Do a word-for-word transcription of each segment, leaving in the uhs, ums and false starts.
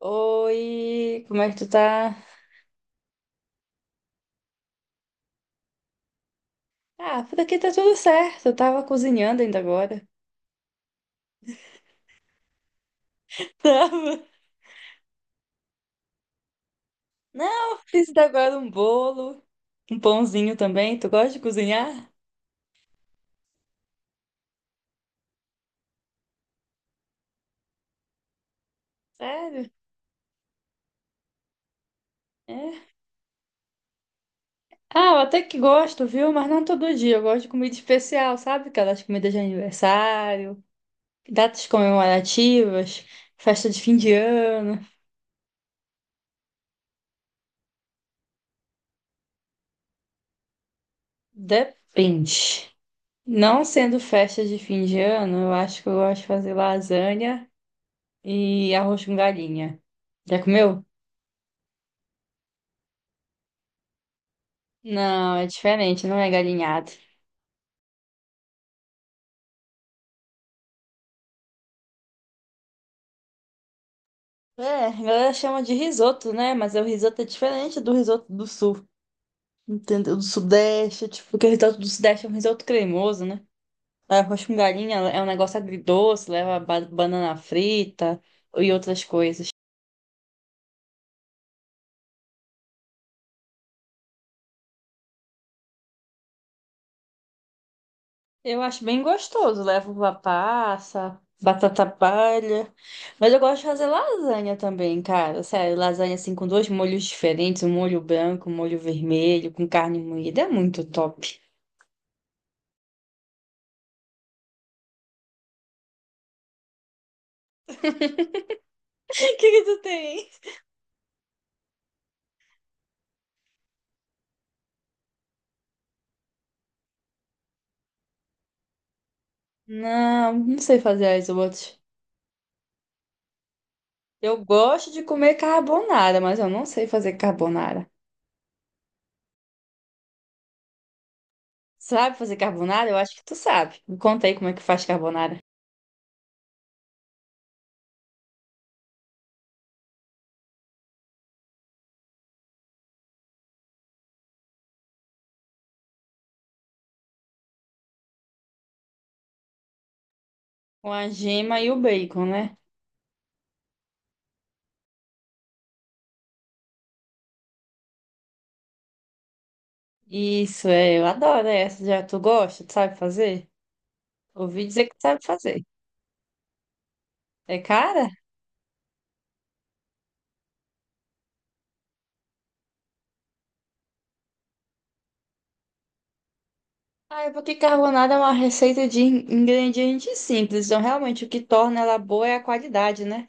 Oi, como é que tu tá? Ah, por aqui tá tudo certo. Eu tava cozinhando ainda agora. Tava. Não, fiz ainda agora um bolo, um pãozinho também. Tu gosta de cozinhar? Sério? É. Ah, eu até que gosto, viu? Mas não todo dia. Eu gosto de comida especial, sabe? Aquelas comidas de aniversário, datas comemorativas, festa de fim de ano. Depende. Não sendo festa de fim de ano, eu acho que eu gosto de fazer lasanha e arroz com galinha. Já comeu? Não, é diferente, não é galinhado. É, a galera chama de risoto, né? Mas é o risoto é diferente do risoto do sul, entendeu? Do sudeste, tipo, porque o risoto do sudeste é um risoto cremoso, né? Arroz com galinha é um negócio agridoce, leva ba- banana frita e outras coisas. Eu acho bem gostoso. Levo uva passa, batata palha. Mas eu gosto de fazer lasanha também, cara. Sério, lasanha assim com dois molhos diferentes, um molho branco, um molho vermelho, com carne moída. É muito top. O que que tu tem? Não, não sei fazer as outras. Eu gosto de comer carbonara, mas eu não sei fazer carbonara. Sabe fazer carbonara? Eu acho que tu sabe. Me conta aí como é que faz carbonara. Com a gema e o bacon, né? Isso, é, eu adoro essa. Já tu gosta? Tu sabe fazer? Ouvi dizer que sabe fazer. É cara? Ah, é porque carbonada é uma receita de in- ingredientes simples, então realmente o que torna ela boa é a qualidade, né?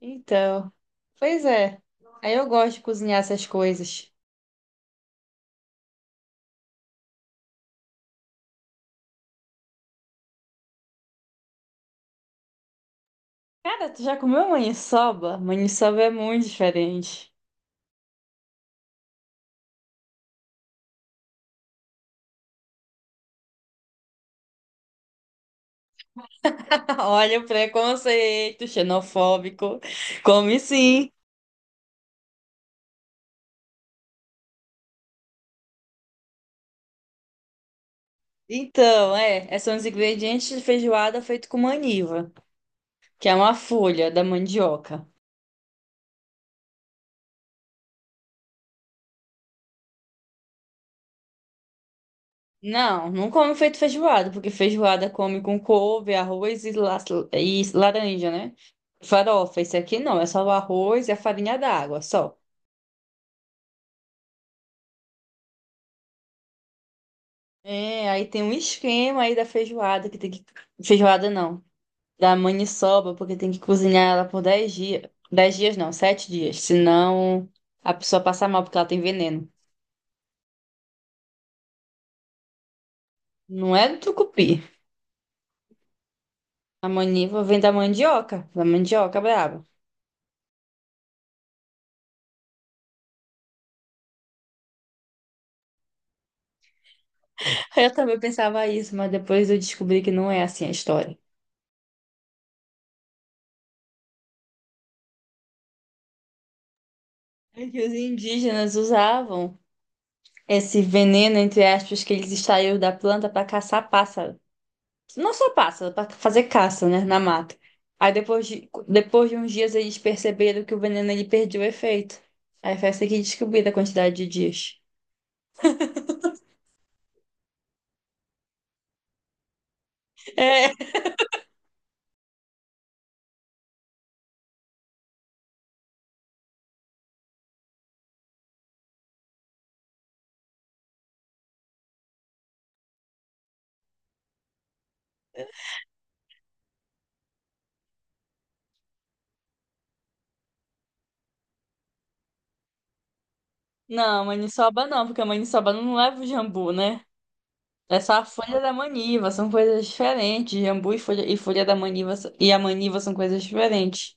Então, pois é. Aí eu gosto de cozinhar essas coisas. Cara, tu já comeu maniçoba? Maniçoba é muito diferente. Olha o preconceito xenofóbico. Come sim. Então, é, é, são os ingredientes de feijoada feito com maniva, que é uma folha da mandioca. Não, não come feito feijoada, porque feijoada come com couve, arroz e, la- e laranja, né? Farofa, esse aqui não, é só o arroz e a farinha d'água, só. É, aí tem um esquema aí da feijoada, que tem que... Feijoada não, da maniçoba, porque tem que cozinhar ela por dez dias. Dez dias não, sete dias, senão a pessoa passa mal porque ela tem veneno. Não é do tucupi. A maniva vem da mandioca, da mandioca brava. Eu também pensava isso, mas depois eu descobri que não é assim a história. É que os indígenas usavam esse veneno, entre aspas, que eles extraíam da planta para caçar pássaro. Não só pássaro, para fazer caça, né, na mata. Aí depois de, depois de uns dias eles perceberam que o veneno ele perdeu o efeito. Aí foi essa que descobriram a quantidade de dias. É. Não, maniçoba não, porque a maniçoba não leva o jambu, né? É só a folha da maniva, são coisas diferentes. Jambu e folha, e folha da maniva s- e a maniva são coisas diferentes.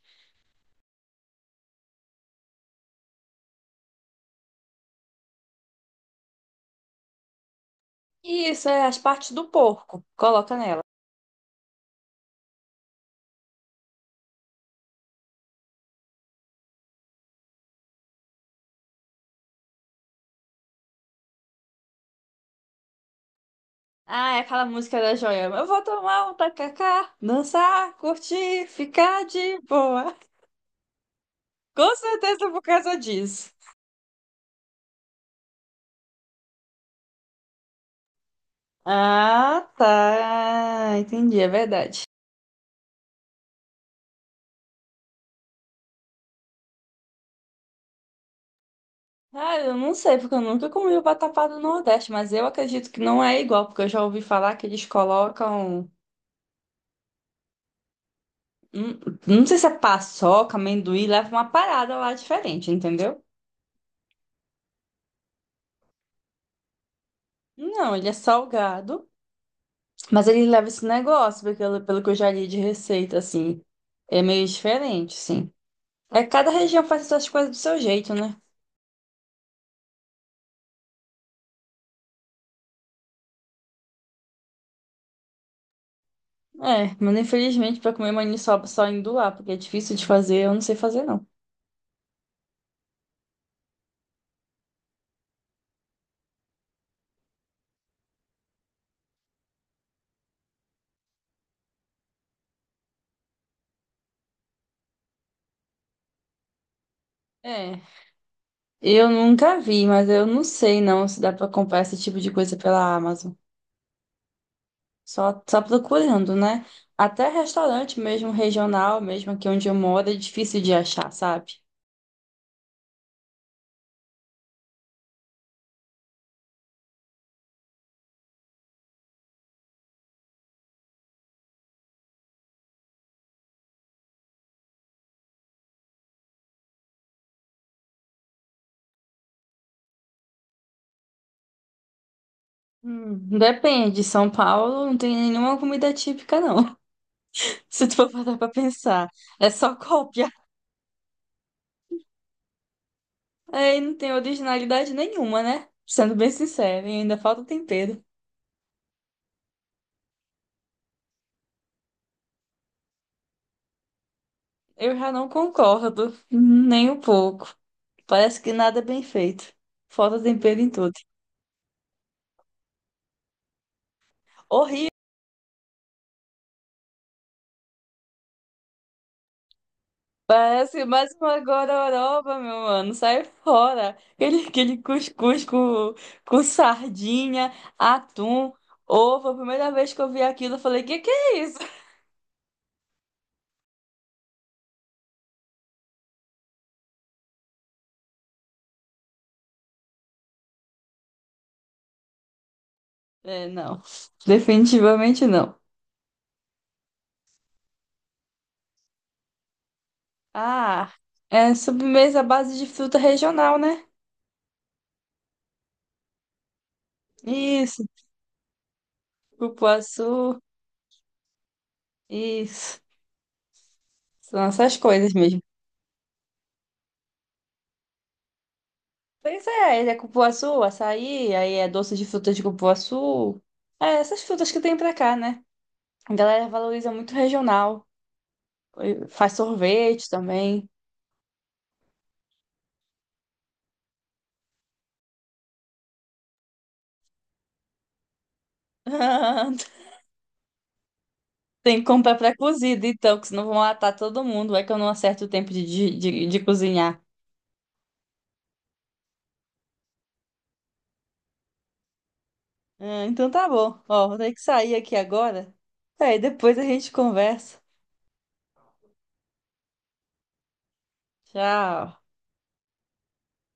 E isso é as partes do porco, coloca nela. Ah, é aquela música da Joelma. Eu vou tomar um tacacá, dançar, curtir, ficar de boa. Com certeza por causa disso. Ah, tá. Entendi, é verdade. Ah, eu não sei, porque eu nunca comi o vatapá do Nordeste, mas eu acredito que não é igual, porque eu já ouvi falar que eles colocam. hum, Não sei se é paçoca, amendoim, leva uma parada lá diferente, entendeu? Não, ele é salgado. Mas ele leva esse negócio, porque pelo pelo que eu já li de receita, assim, é meio diferente, sim. É, cada região faz essas coisas do seu jeito, né? É, mas infelizmente pra comer maniçoba só indo lá, porque é difícil de fazer, eu não sei fazer, não. É, eu nunca vi, mas eu não sei não se dá pra comprar esse tipo de coisa pela Amazon. Só, só procurando, né? Até restaurante mesmo regional, mesmo aqui onde eu moro, é difícil de achar, sabe? Hum, depende, São Paulo não tem nenhuma comida típica, não. Se tu for parar pra pensar, é só cópia. Aí não tem originalidade nenhuma, né? Sendo bem sincero, e ainda falta tempero. Eu já não concordo, nem um pouco. Parece que nada é bem feito. Falta tempero em tudo. Horrível. Parece mais uma gororoba, meu mano. Sai fora. Aquele, aquele cuscuz com, com sardinha, atum, ovo. A primeira vez que eu vi aquilo, eu falei: que que é isso? É, não. Definitivamente não. Ah, é sobremesa à base de fruta regional, né? Isso, cupuaçu, isso. São essas coisas mesmo. Pois é, ele é cupuaçu, açaí, aí é doce de frutas de cupuaçu. É, essas frutas que tem pra cá, né? A galera valoriza muito regional. Faz sorvete também. Tem que comprar pré-cozido, então, que senão vão matar todo mundo. É que eu não acerto o tempo de, de, de de cozinhar. Ah, então tá bom. Ó, vou ter que sair aqui agora. Aí depois a gente conversa. Tchau.